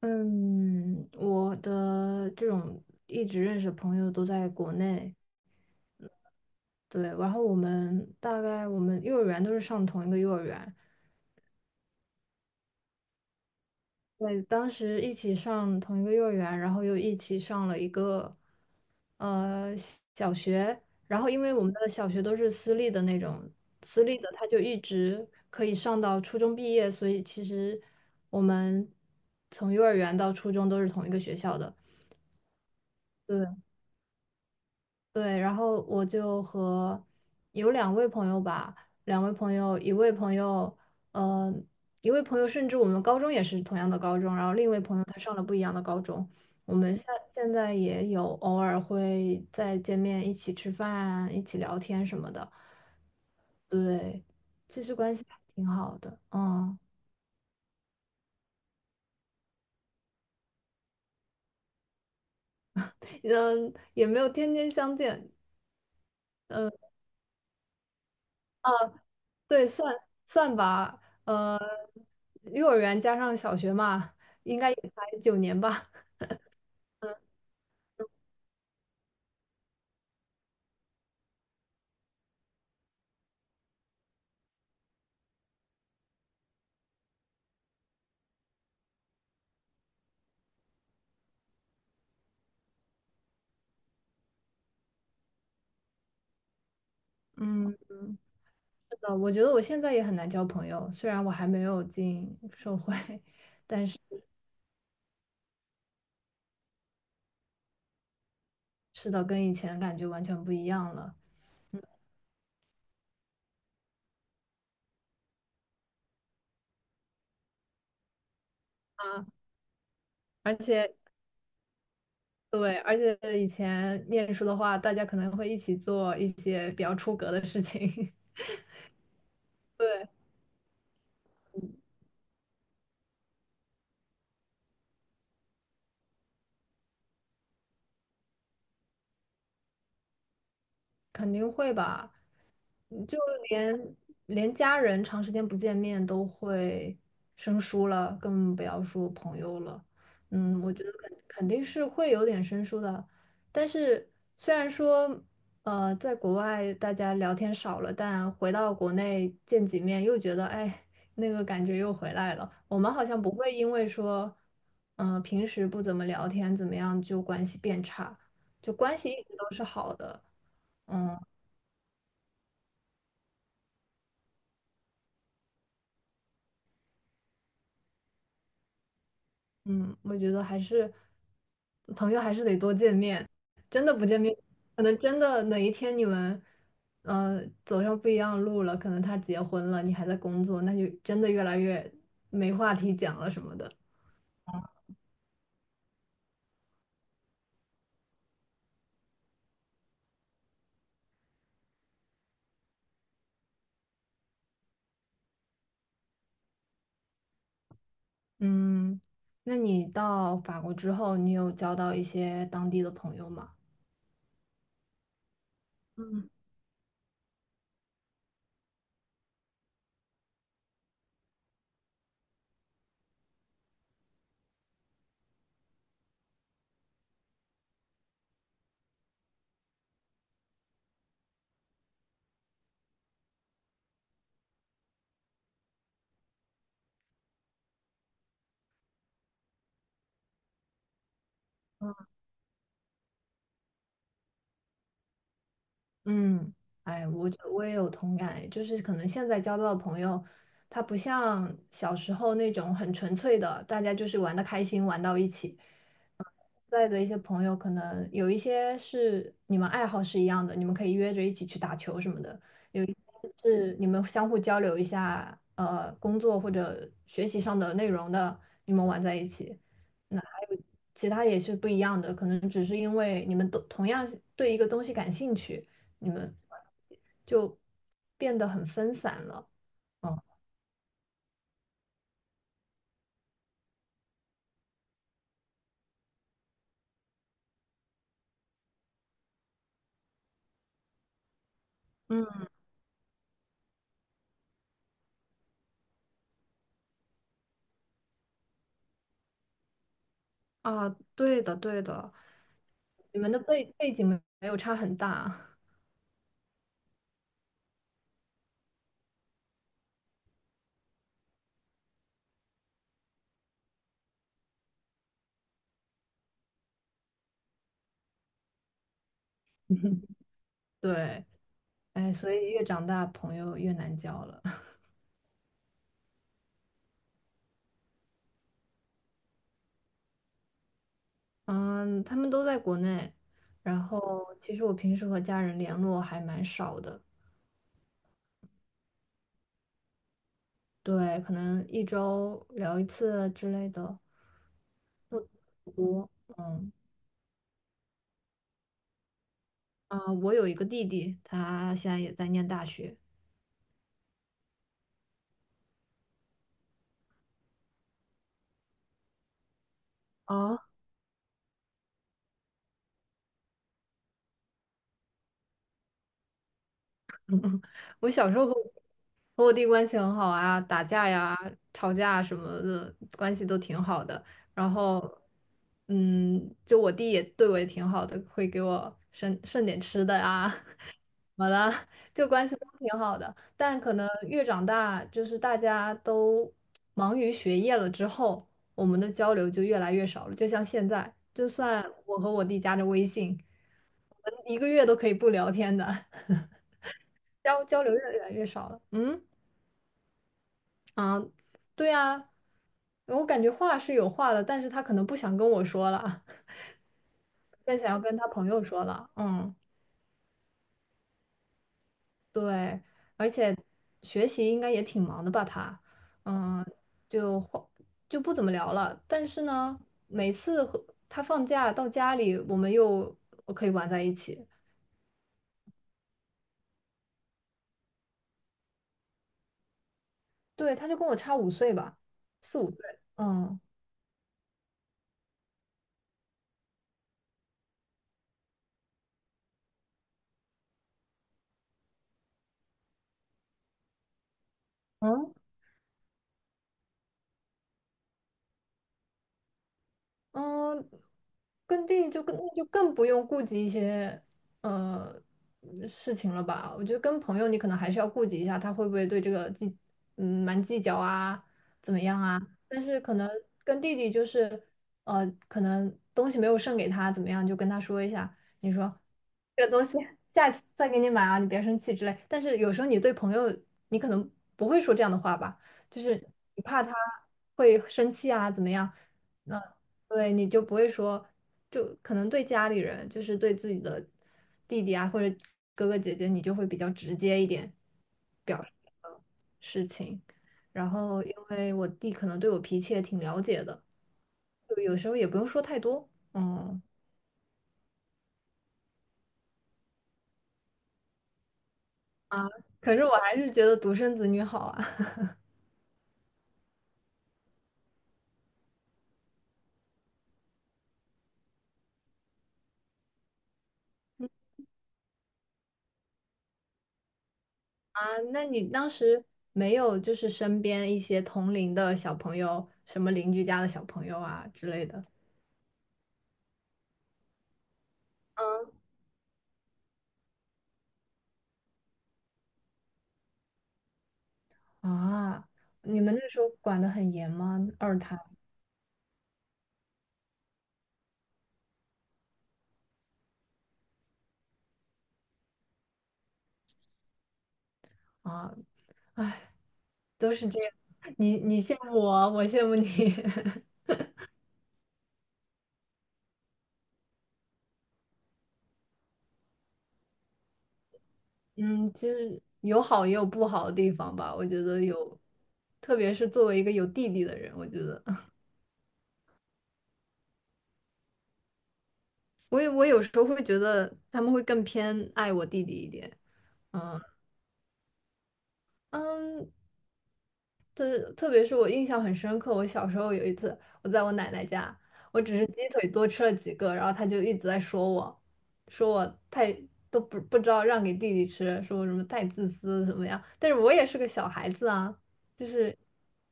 嗯，我的这种一直认识的朋友都在国内，对，然后我们幼儿园都是上同一个幼儿园，对，当时一起上同一个幼儿园，然后又一起上了一个呃小学，然后因为我们的小学都是私立的那种，私立的他就一直可以上到初中毕业，所以其实我们从幼儿园到初中都是同一个学校的。对。对，然后我就和有两位朋友吧，两位朋友，呃，一位朋友甚至我们高中也是同样的高中，然后另一位朋友他上了不一样的高中，我们现在也有偶尔会再见面，一起吃饭，一起聊天什么的，对，其实关系还挺好的，嗯，嗯，也没有天天相见，嗯。啊。对，算算吧，幼儿园加上小学嘛，应该也才9年吧。嗯，是的，我觉得我现在也很难交朋友，虽然我还没有进社会，但是是的，跟以前感觉完全不一样了啊！而且对，而且以前念书的话，大家可能会一起做一些比较出格的事情，对，肯定会吧。就连连家人长时间不见面都会生疏了，更不要说朋友了。嗯，我觉得肯定是会有点生疏的。但是虽然说，在国外大家聊天少了，但回到国内见几面，又觉得哎，那个感觉又回来了。我们好像不会因为说，平时不怎么聊天怎么样，就关系变差，就关系一直都是好的。嗯，我觉得还是朋友还是得多见面，真的不见面，可能真的哪一天你们走上不一样的路了，可能他结婚了，你还在工作，那就真的越来越没话题讲了什么的。嗯，那你到法国之后，你有交到一些当地的朋友吗？嗯，哎，我觉得我也有同感诶就是可能现在交到的朋友，他不像小时候那种很纯粹的，大家就是玩的开心，玩到一起。在的一些朋友，可能有一些是你们爱好是一样的，你们可以约着一起去打球什么的；有一些是你们相互交流一下，工作或者学习上的内容的，你们玩在一起。那还有其他也是不一样的，可能只是因为你们都同样是对一个东西感兴趣，你们就变得很分散了。嗯，嗯啊，对的对的，你们的背景没有差很大，对。哎，所以越长大朋友越难交了。嗯，他们都在国内，然后其实我平时和家人联络还蛮少的，对，可能一周聊一次之类的，不多。嗯，啊，我有一个弟弟，他现在也在念大学。哦，我小时候和我弟关系很好啊，打架呀、吵架什么的，关系都挺好的。然后，嗯，就我弟也对我也挺好的，会给我剩点吃的啊，怎么的，就关系都挺好的。但可能越长大，就是大家都忙于学业了之后，我们的交流就越来越少了。就像现在，就算我和我弟加着微信，我们一个月都可以不聊天的。交流越来越少了。嗯啊，对呀，我感觉话是有话的，但是他可能不想跟我说了，更想要跟他朋友说了。嗯，对，而且学习应该也挺忙的吧？他，嗯，就话就不怎么聊了。但是呢，每次和他放假到家里，我们又可以玩在一起。对，他就跟我差五岁吧，四五岁。嗯。嗯嗯，跟弟弟就更不用顾及一些呃事情了吧？我觉得跟朋友你可能还是要顾及一下，他会不会对这个蛮计较啊，怎么样啊？但是可能跟弟弟就是可能东西没有剩给他，怎么样就跟他说一下，你说。这个东西下次再给你买啊，你别生气之类。但是有时候你对朋友，你可能不会说这样的话吧，就是你怕他会生气啊，怎么样？那对你就不会说，就可能对家里人，就是对自己的弟弟啊或者哥哥姐姐，你就会比较直接一点表示这个事情。然后因为我弟可能对我脾气也挺了解的，就有时候也不用说太多，嗯。啊可是我还是觉得独生子女好啊。啊，那你当时没有就是身边一些同龄的小朋友，什么邻居家的小朋友啊之类的？嗯啊，你们那时候管得很严吗？二胎啊，哎，都是这样。你羡慕我，我羡慕你。嗯，其实有好也有不好的地方吧。我觉得有，特别是作为一个有弟弟的人，我觉得 我有时候会觉得他们会更偏爱我弟弟一点。嗯，嗯，对，特别是我印象很深刻，我小时候有一次，我在我奶奶家，我只是鸡腿多吃了几个，然后她就一直在说我，说我太都不知道让给弟弟吃，说我什么太自私怎么样，但是我也是个小孩子啊，就是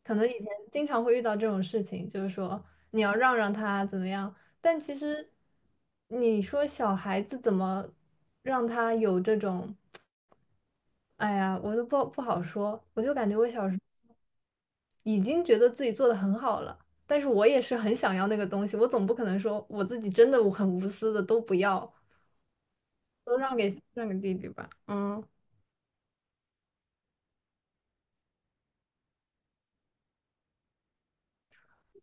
可能以前经常会遇到这种事情，就是说你要让他怎么样，但其实你说小孩子怎么让他有这种。哎呀，我都不好说，我就感觉我小时候。已经觉得自己做的很好了，但是我也是很想要那个东西，我总不可能说我自己真的我很无私的都不要，都让给弟弟吧。嗯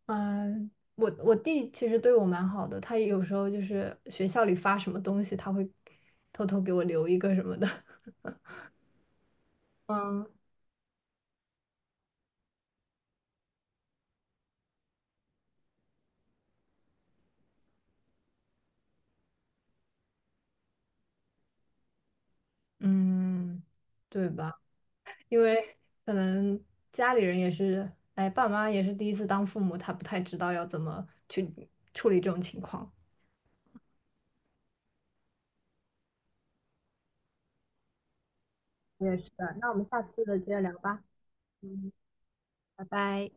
嗯，我弟其实对我蛮好的，他有时候就是学校里发什么东西，他会偷偷给我留一个什么的。嗯嗯，对吧？因为可能家里人也是，哎，爸妈也是第一次当父母，他不太知道要怎么去处理这种情况。我也是的，那我们下次接着聊吧。嗯，拜拜。